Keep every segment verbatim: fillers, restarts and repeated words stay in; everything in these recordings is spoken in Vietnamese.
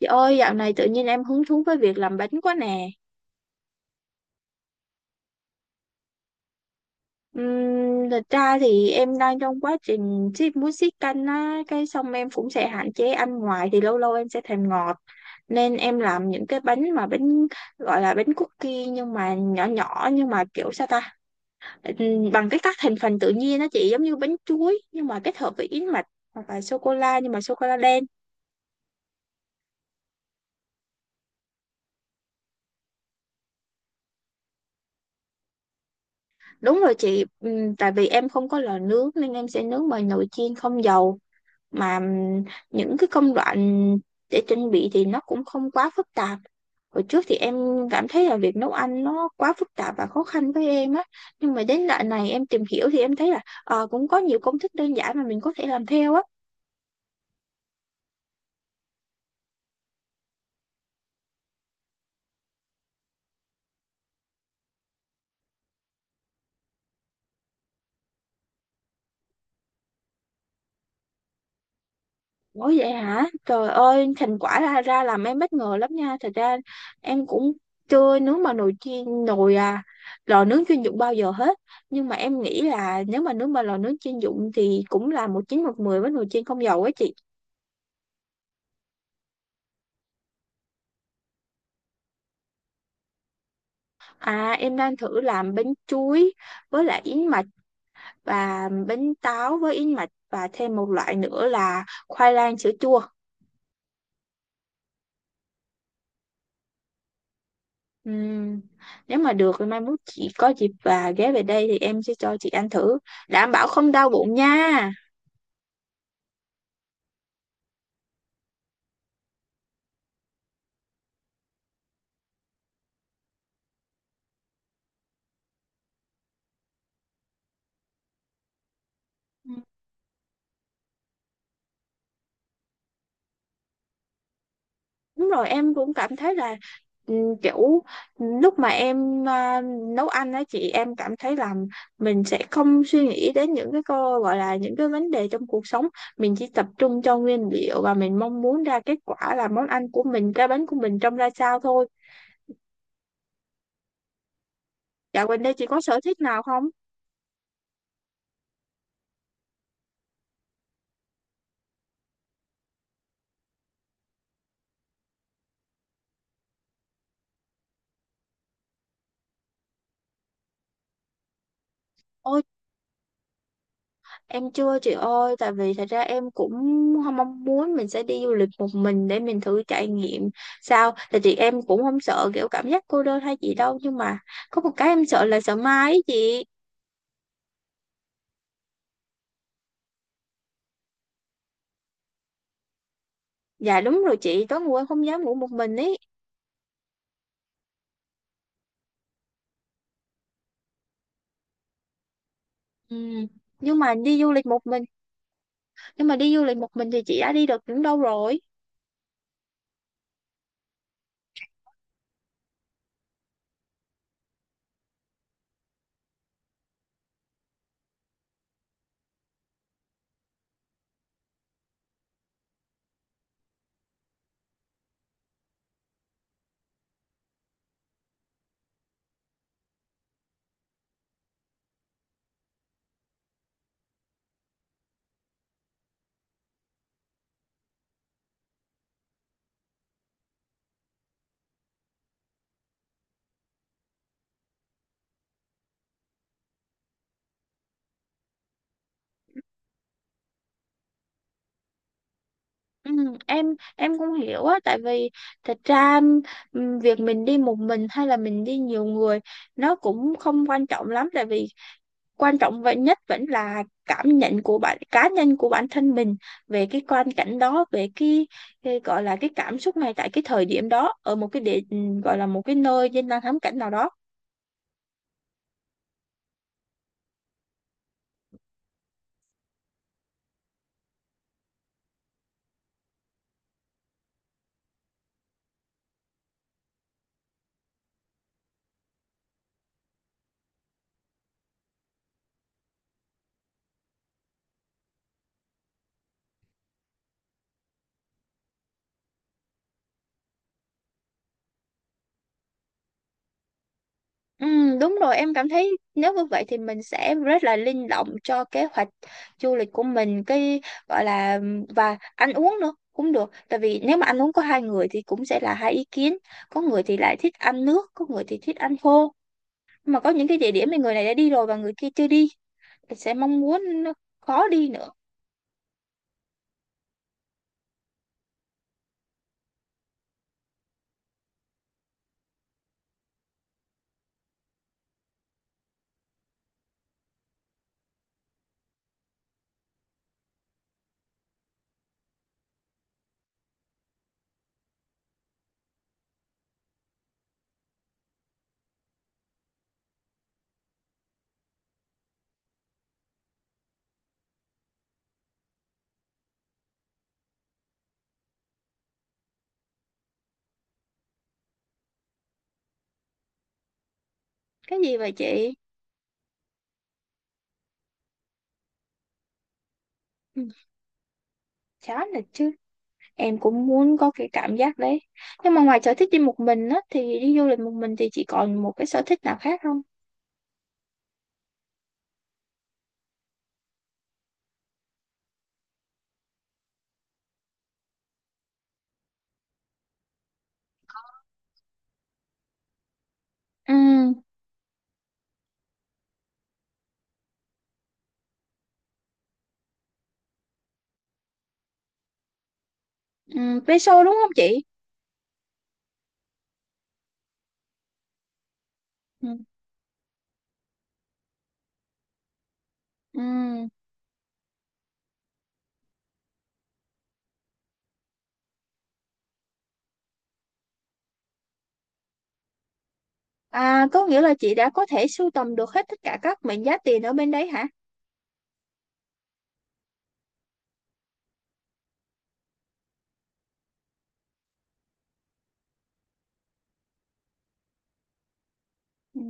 Chị ơi, dạo này tự nhiên em hứng thú với việc làm bánh quá nè. Uhm, thật ra thì em đang trong quá trình ship muối siết canh á, cái xong em cũng sẽ hạn chế ăn ngoài thì lâu lâu em sẽ thèm ngọt. Nên em làm những cái bánh mà bánh gọi là bánh cookie nhưng mà nhỏ nhỏ nhưng mà kiểu sao ta? Ừm, bằng cái các thành phần tự nhiên á chị, giống như bánh chuối nhưng mà kết hợp với yến mạch hoặc là sô cô la nhưng mà sô cô la đen. Đúng rồi chị. Ừm, tại vì em không có lò nướng nên em sẽ nướng bằng nồi chiên không dầu, mà những cái công đoạn để chuẩn bị thì nó cũng không quá phức tạp. Hồi trước thì em cảm thấy là việc nấu ăn nó quá phức tạp và khó khăn với em á, nhưng mà đến đoạn này em tìm hiểu thì em thấy là ờ, cũng có nhiều công thức đơn giản mà mình có thể làm theo á. Ủa vậy hả? Trời ơi, thành quả ra ra làm em bất ngờ lắm nha. Thật ra em cũng chưa nướng bằng nồi chiên nồi à lò nướng chuyên dụng bao giờ hết. Nhưng mà em nghĩ là nếu mà nướng bằng lò nướng chuyên dụng thì cũng là một chín một mười với nồi chiên không dầu ấy chị. À, em đang thử làm bánh chuối với lại yến mạch, và bánh táo với yến mạch, và thêm một loại nữa là khoai lang sữa chua. Ừm, nếu mà được thì mai mốt chị có dịp và ghé về đây thì em sẽ cho chị ăn thử. Đảm bảo không đau bụng nha. Đúng rồi, em cũng cảm thấy là, ừ, kiểu lúc mà em à, nấu ăn á chị, em cảm thấy là mình sẽ không suy nghĩ đến những cái cô gọi là những cái vấn đề trong cuộc sống, mình chỉ tập trung cho nguyên liệu và mình mong muốn ra kết quả là món ăn của mình, cái bánh của mình trông ra sao thôi. Dạo gần đây chị có sở thích nào không? Ôi, em chưa chị ơi, tại vì thật ra em cũng không mong muốn mình sẽ đi du lịch một mình để mình thử trải nghiệm sao. Tại chị em cũng không sợ kiểu cảm giác cô đơn hay gì đâu, nhưng mà có một cái em sợ là sợ ma ấy chị. Dạ đúng rồi chị, tối ngủ em không dám ngủ một mình ấy. Ừ. Nhưng mà đi du lịch một mình, nhưng mà đi du lịch một mình thì chị đã đi được những đâu rồi? Ừ, em em cũng hiểu á, tại vì thật ra, ừm, việc mình đi một mình hay là mình đi nhiều người nó cũng không quan trọng lắm, tại vì quan trọng vậy nhất vẫn là cảm nhận của bạn cá nhân của bản thân mình về cái quan cảnh đó, về cái, cái gọi là cái cảm xúc này tại cái thời điểm đó, ở một cái địa ừ, gọi là một cái nơi danh lam thắng cảnh nào đó. Ừm, đúng rồi, em cảm thấy nếu như vậy thì mình sẽ rất là linh động cho kế hoạch du lịch của mình, cái gọi là, và ăn uống nữa cũng được, tại vì nếu mà ăn uống có hai người thì cũng sẽ là hai ý kiến. Có người thì lại thích ăn nước, có người thì thích ăn khô, mà có những cái địa điểm mà người này đã đi rồi và người kia chưa đi, mình sẽ mong muốn nó khó đi nữa. Cái gì vậy chị? Ừ, chán là chứ. Em cũng muốn có cái cảm giác đấy. Nhưng mà ngoài sở thích đi một mình á, thì đi du lịch một mình thì chị còn một cái sở thích nào khác không? Ừ, ừ, vé đúng không chị? Ừ, ừ. À, có nghĩa là chị đã có thể sưu tầm được hết tất cả các mệnh giá tiền ở bên đấy hả? Ừ.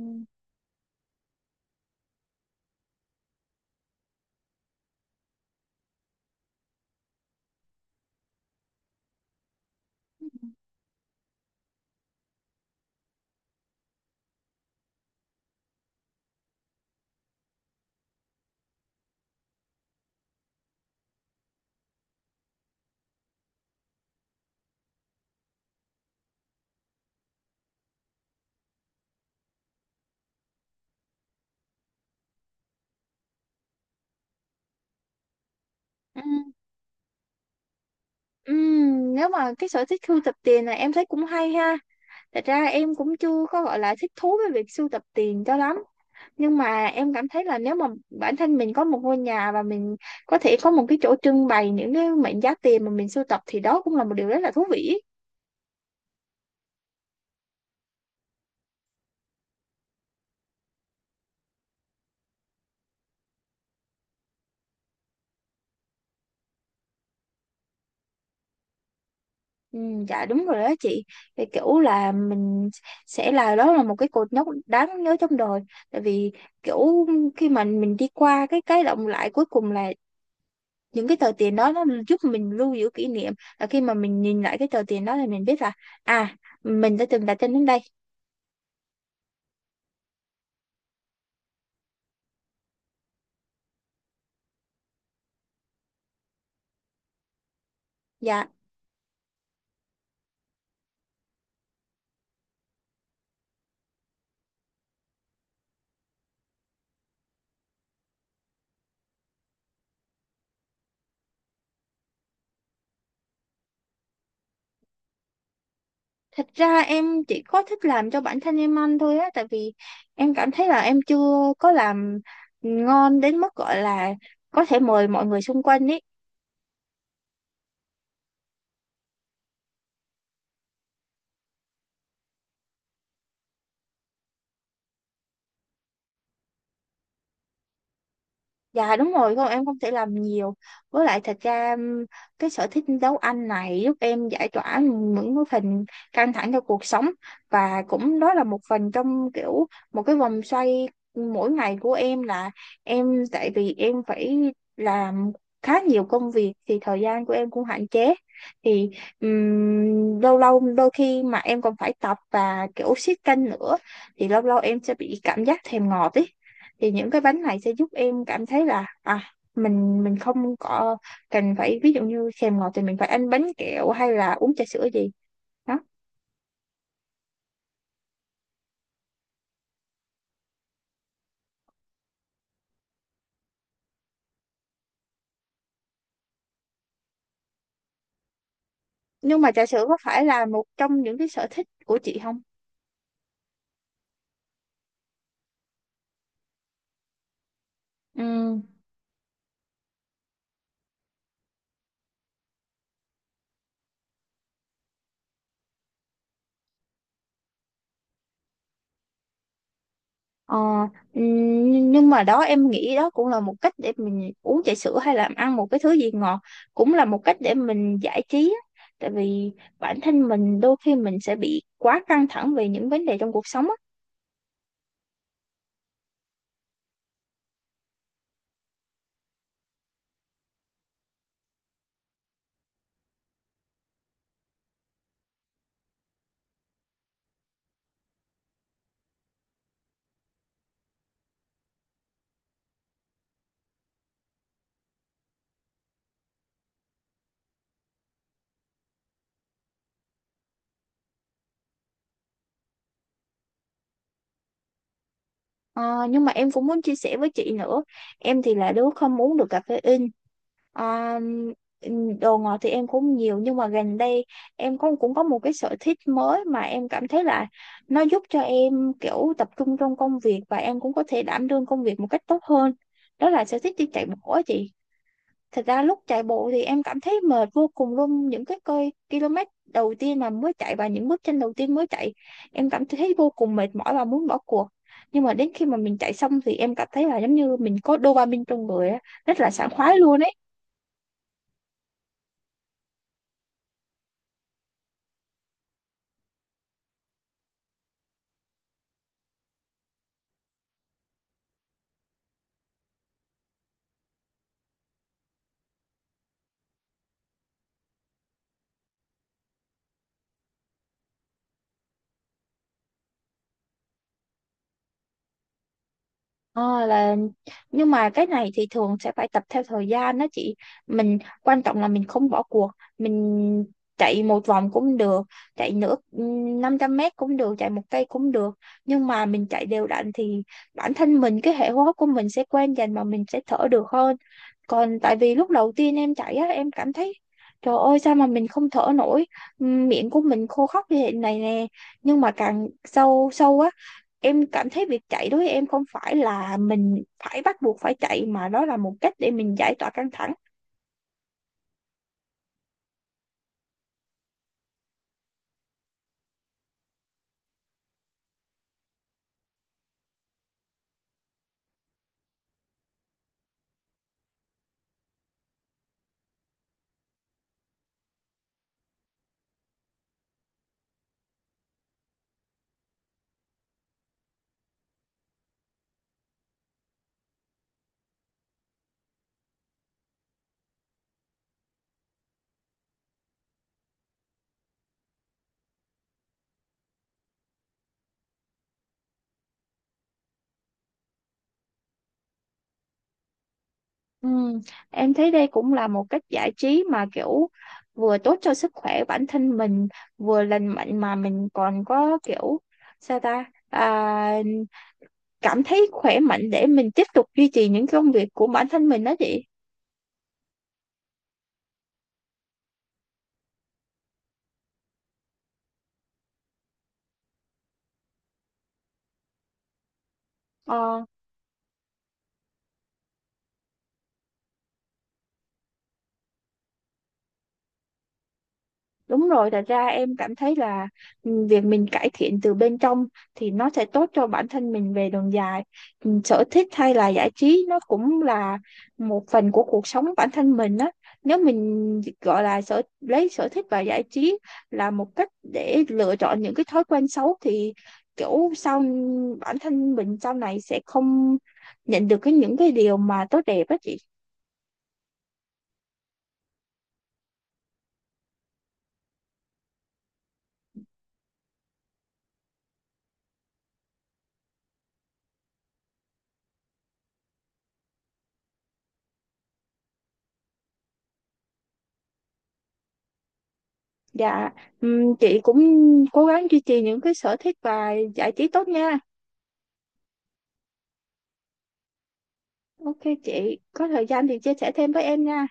Ừ. Ừ, nếu mà cái sở thích sưu tập tiền này em thấy cũng hay ha. Thật ra em cũng chưa có gọi là thích thú với việc sưu tập tiền cho lắm, nhưng mà em cảm thấy là nếu mà bản thân mình có một ngôi nhà và mình có thể có một cái chỗ trưng bày những cái mệnh giá tiền mà mình sưu tập thì đó cũng là một điều rất là thú vị ấy. Ừ, dạ đúng rồi đó chị, thì kiểu là mình sẽ là đó là một cái cột mốc đáng nhớ trong đời, tại vì kiểu khi mà mình đi qua cái cái động lại cuối cùng là những cái tờ tiền đó nó giúp mình lưu giữ kỷ niệm, là khi mà mình nhìn lại cái tờ tiền đó thì mình biết là à, mình đã từng đặt chân đến đây. Dạ. Thật ra em chỉ có thích làm cho bản thân em ăn thôi á, tại vì em cảm thấy là em chưa có làm ngon đến mức gọi là có thể mời mọi người xung quanh ý. Dạ đúng rồi, con em không thể làm nhiều. Với lại thật ra, ừm, cái sở thích nấu ăn này giúp em giải tỏa những cái phần căng thẳng trong cuộc sống, và cũng đó là một phần trong kiểu một cái vòng xoay mỗi ngày của em, là em tại vì em phải làm khá nhiều công việc thì thời gian của em cũng hạn chế. Thì ừm, lâu lâu đôi khi mà em còn phải tập và kiểu siết canh nữa, thì lâu lâu em sẽ bị cảm giác thèm ngọt ý, thì những cái bánh này sẽ giúp em cảm thấy là à, mình mình không có cần, phải ví dụ như thèm ngọt thì mình phải ăn bánh kẹo hay là uống trà sữa gì đó. Nhưng mà trà sữa có phải là một trong những cái sở thích của chị không? Ừ. Ờ, ừ, nhưng mà đó em nghĩ đó cũng là một cách để mình uống trà sữa hay là ăn một cái thứ gì ngọt, cũng là một cách để mình giải trí á. Tại vì bản thân mình đôi khi mình sẽ bị quá căng thẳng về những vấn đề trong cuộc sống. Ờ, nhưng mà em cũng muốn chia sẻ với chị nữa. Em thì là đứa không uống được caffeine. Ờ, đồ ngọt thì em cũng nhiều nhưng mà gần đây em cũng cũng có một cái sở thích mới mà em cảm thấy là nó giúp cho em kiểu tập trung trong công việc, và em cũng có thể đảm đương công việc một cách tốt hơn, đó là sở thích đi chạy bộ á chị. Thật ra lúc chạy bộ thì em cảm thấy mệt vô cùng luôn, những cái cây km đầu tiên mà mới chạy và những bước chân đầu tiên mới chạy em cảm thấy vô cùng mệt mỏi và muốn bỏ cuộc, nhưng mà đến khi mà mình chạy xong thì em cảm thấy là giống như mình có dopamine trong người á, rất là sảng khoái luôn ấy. Ờ, là nhưng mà cái này thì thường sẽ phải tập theo thời gian đó chị. Mình quan trọng là mình không bỏ cuộc, mình chạy một vòng cũng được, chạy nửa năm trăm mét cũng được, chạy một cây cũng được, nhưng mà mình chạy đều đặn thì bản thân mình cái hệ hô hấp của mình sẽ quen dần và mình sẽ thở được hơn. Còn tại vì lúc đầu tiên em chạy á em cảm thấy, trời ơi sao mà mình không thở nổi, miệng của mình khô khóc như thế này nè, nhưng mà càng sâu sâu á em cảm thấy việc chạy đối với em không phải là mình phải bắt buộc phải chạy, mà đó là một cách để mình giải tỏa căng thẳng. Ừm, em thấy đây cũng là một cách giải trí mà kiểu vừa tốt cho sức khỏe bản thân mình, vừa lành mạnh, mà mình còn có kiểu, sao ta, à, cảm thấy khỏe mạnh để mình tiếp tục duy trì những công việc của bản thân mình đó chị. Ờ, đúng rồi, thật ra em cảm thấy là, ừ, việc mình cải thiện từ bên trong thì nó sẽ tốt cho bản thân mình về đường dài. Ừ, sở thích hay là giải trí nó cũng là một phần của cuộc sống bản thân mình á. Nếu mình gọi là sở lấy sở thích và giải trí là một cách để lựa chọn những cái thói quen xấu thì kiểu sau bản thân mình sau này sẽ không nhận được cái những cái điều mà tốt đẹp á chị. Dạ, ừm, chị cũng cố gắng duy trì những cái sở thích và giải trí tốt nha. Ok chị, có thời gian thì chia sẻ thêm với em nha.